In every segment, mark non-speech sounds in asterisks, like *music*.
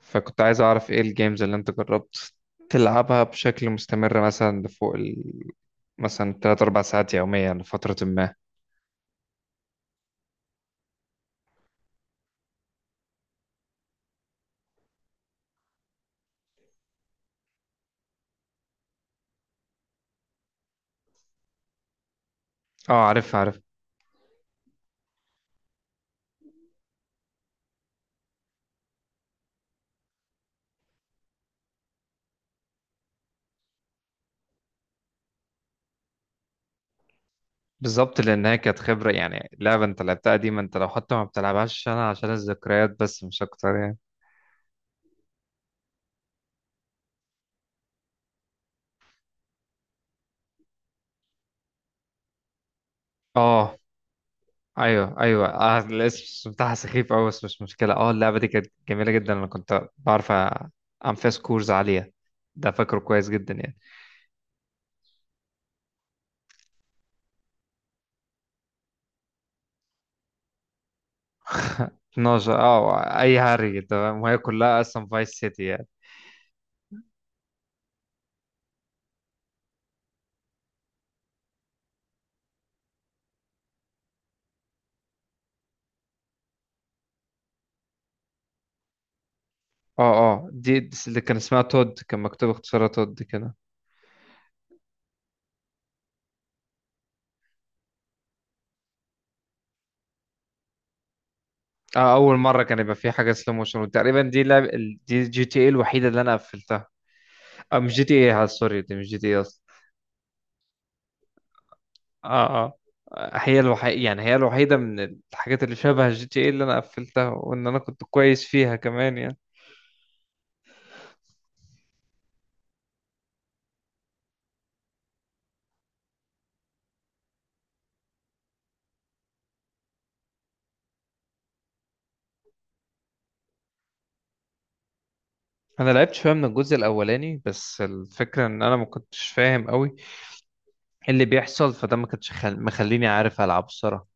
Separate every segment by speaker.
Speaker 1: فكنت عايز أعرف إيه الجيمز اللي أنت جربت تلعبها بشكل مستمر، مثلا لفوق مثلا تلات أربع ساعات يوميا لفترة ما. أه، عارف عارف. بالظبط، لأن هي كانت خبرة. يعني لعبة أنت لعبتها دي، ما أنت لو حتى ما بتلعبهاش عشان الذكريات، بس مش أكتر يعني. أه، أيوه أيوه. الاسم بتاعها سخيف أوي، بس مش مشكلة. أه، اللعبة دي كانت جميلة جدا. أنا كنت بعرف أعمل فيها سكورز عالية. ده فاكره كويس جدا يعني. *laughs* 12، اه اي هري، تمام، وهي كلها اصلا فايس سيتي. اه اه، دي اللي كان اسمها تود، كان مكتوب اختصارها تود كده. اه، اول مره كان يبقى في حاجه سلو موشن، وتقريبا دي GTA الوحيده اللي انا قفلتها. اه، مش GTA، سوري، دي مش GTA اصلا. اه اه، هي الوحيده، يعني هي الوحيده من الحاجات اللي شبه GTA اللي انا قفلتها، وان انا كنت كويس فيها كمان يعني. انا لعبت شويه من الجزء الاولاني، بس الفكره ان انا ما كنتش فاهم قوي إيه اللي بيحصل، فده ما كانش مخليني عارف العب الصراحه.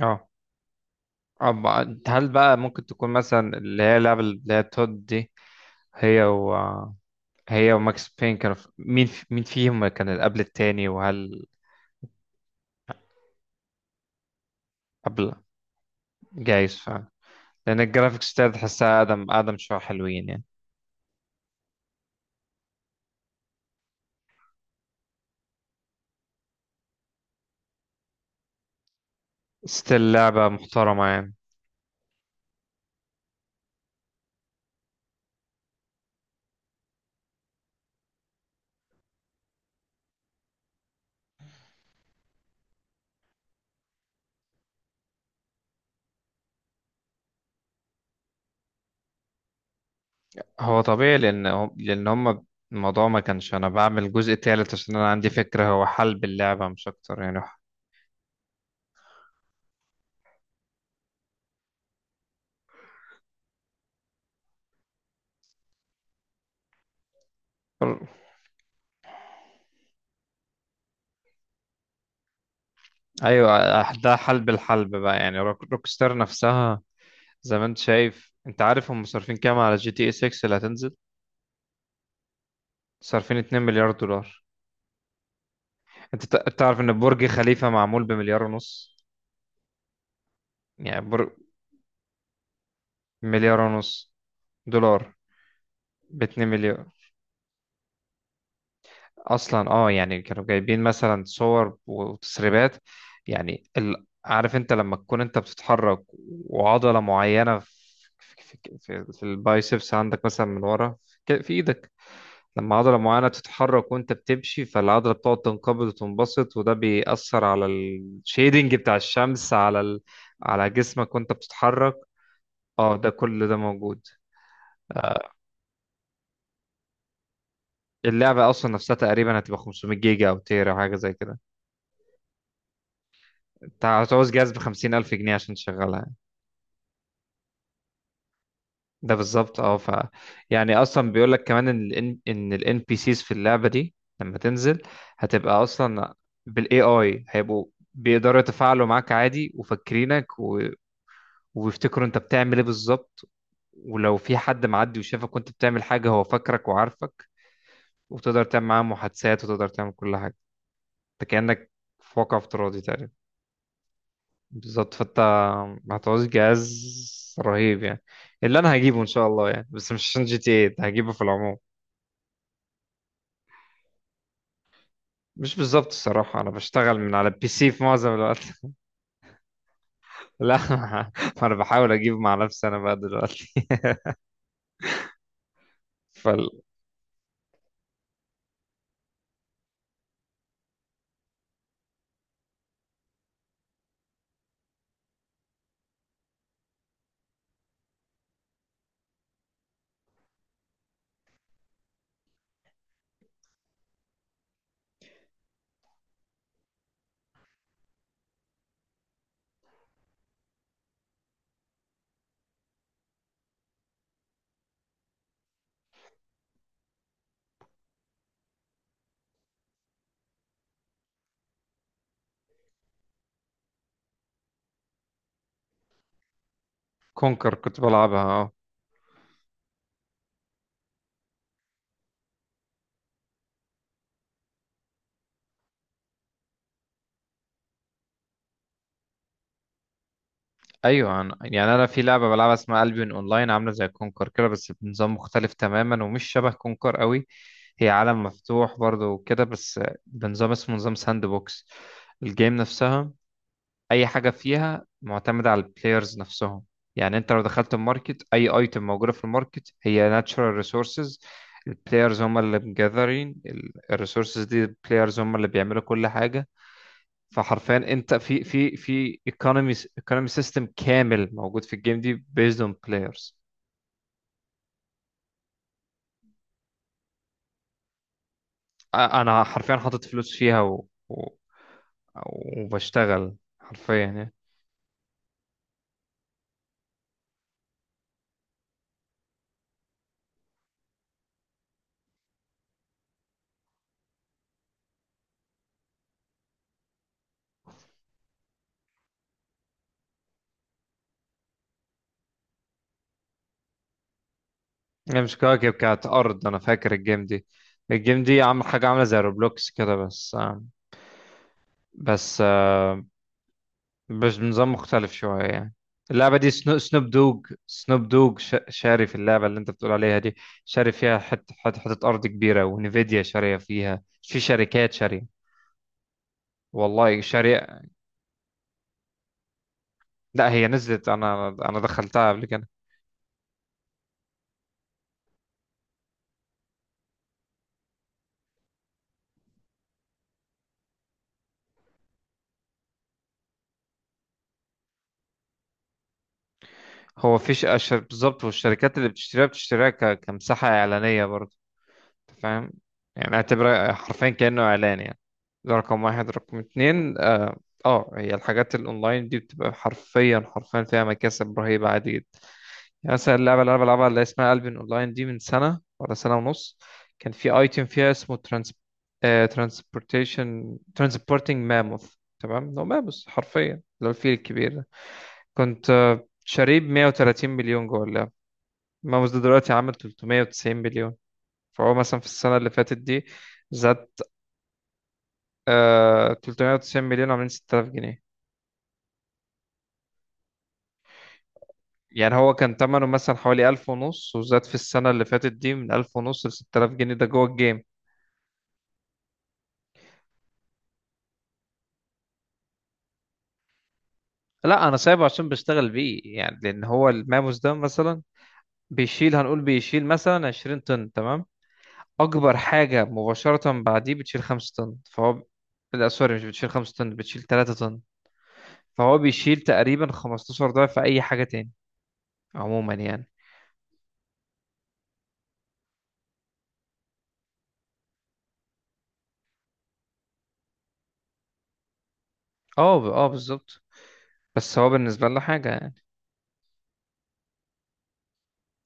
Speaker 1: اه، أب... هل بقى ممكن تكون مثلا اللي هي اللعبة اللي هي تود دي، هي و هي وماكس بين، كانوا مين فيهم كان اللي قبل التاني، وهل قبل. جايز فعلا، لأن الجرافيكس بتاعت تحسها أقدم، أقدم شوية، حلوين يعني. ستيل لعبة محترمة يعني. هو طبيعي، لأن هم الموضوع ما كانش. أنا بعمل جزء تالت عشان أنا عندي فكرة هو حلب اللعبة، مش أكتر يعني. ايوه. ده حلب الحلب بقى، يعني روك ستار نفسها. زي ما انت شايف، انت عارف هم صارفين كام على GTA 6 اللي هتنزل. صارفين 2 مليار دولار. انت تعرف ان برج خليفة معمول ب1.5 مليار. يعني 1.5 مليار دولار. ب 2 مليار اصلا. اه، يعني كانوا جايبين مثلا صور وتسريبات. يعني عارف انت لما تكون انت بتتحرك، وعضلة معينة في البايسبس عندك مثلا، من ورا في ايدك. لما عضلة معينة بتتحرك وانت بتمشي، فالعضلة بتقعد تنقبض وتنبسط، وده بيأثر على الشيدنج بتاع الشمس على جسمك وانت بتتحرك. اه، ده كل ده موجود. آه، اللعبة أصلا نفسها تقريبا هتبقى 500 جيجا أو تيرا أو حاجة زي كده. أنت هتعوز جهاز ب50,000 جنيه عشان تشغلها يعني. ده بالظبط. أه، يعني أصلا بيقول لك كمان إن ال NPCs في اللعبة دي لما تنزل هتبقى أصلا بال AI، هيبقوا بيقدروا يتفاعلوا معاك عادي وفاكرينك، وبيفتكروا انت بتعمل ايه بالظبط. ولو في حد معدي وشافك وانت بتعمل حاجة، هو فاكرك وعارفك، وبتقدر تعمل معاه محادثات وتقدر تعمل كل حاجة. انت كأنك في واقع افتراضي تقريبا. بالظبط، فانت هتعوز جهاز رهيب يعني. اللي انا هجيبه ان شاء الله يعني، بس مش عشان GTA هجيبه، في العموم. مش بالظبط، الصراحة انا بشتغل من على البي سي في معظم الوقت. *laughs* لا. *laughs* انا بحاول اجيب مع نفسي انا بقى دلوقتي. *laughs* فالكونكر كنت بلعبها، اه. ايوه، أنا يعني انا في لعبه بلعبها اسمها البيون اونلاين، عامله زي كونكر كده بس بنظام مختلف تماما، ومش شبه كونكر قوي. هي عالم مفتوح برضه وكده، بس بنظام اسمه نظام ساند بوكس. الجيم نفسها، اي حاجه فيها معتمده على البلايرز نفسهم. يعني انت لو دخلت الماركت، اي ايتم موجوده في الماركت هي ناتشورال ريسورسز. البلايرز هم اللي مجذرين الريسورسز دي، البلايرز هم اللي بيعملوا كل حاجه. فحرفيا انت في ايكونومي سيستم كامل موجود في الجيم دي، بيزد اون بلايرز. انا حرفيا حاطط فلوس فيها وبشتغل حرفيا يعني. هي مش كواكب، كانت أرض، أنا فاكر الجيم دي. الجيم دي عامل حاجة عاملة زي روبلوكس كده، بس آه، بس بنظام مختلف شوية يعني. اللعبة دي سنوب دوج شاري في اللعبة اللي أنت بتقول عليها دي. شاري فيها حتة أرض كبيرة، ونفيديا شارية فيها، في شركات شارية. والله، شركة. لا، هي نزلت، انا دخلتها قبل كده. هو فيش بالظبط، والشركات اللي بتشتريها بتشتريها كمساحة اعلانية برضه. أنت فاهم؟ يعني اعتبرها حرفيا كأنه اعلان يعني. ده رقم واحد. رقم اتنين، اه، هي الحاجات الاونلاين دي بتبقى حرفيا حرفيا فيها مكاسب رهيبة عادي. يعني مثلا اللعبة اللي أنا بلعبها اللي اسمها قلب أونلاين دي، من سنة ولا سنة ونص كان في أيتم فيها اسمه ترانس. ترانسبورتنج ماموث. تمام، هو ماموث حرفيا، اللي هو الفيل الكبير ده. كنت شاريه ب 130 مليون جوه اللعبة. ماموث ده دلوقتي عامل 390 مليون. فهو مثلا في السنة اللي فاتت دي زاد. 390 مليون عاملين 6000 جنيه. يعني هو كان تمنه مثلا حوالي 1000 ونص، وزاد في السنة اللي فاتت دي من 1000 ونص ل 6000 جنيه، ده جوه الجيم. لا، انا سايبه عشان بشتغل بيه يعني، لان هو الماموس ده مثلا بيشيل، هنقول بيشيل مثلا 20 طن، تمام، اكبر حاجه مباشره بعديه بتشيل 5 طن. فهو لا سوري، مش بتشيل 5 طن، بتشيل 3 طن. فهو بيشيل تقريبا 15 ضعف اي حاجه تاني، عموما يعني. اه، بالظبط. بس هو بالنسبه لنا حاجه يعني.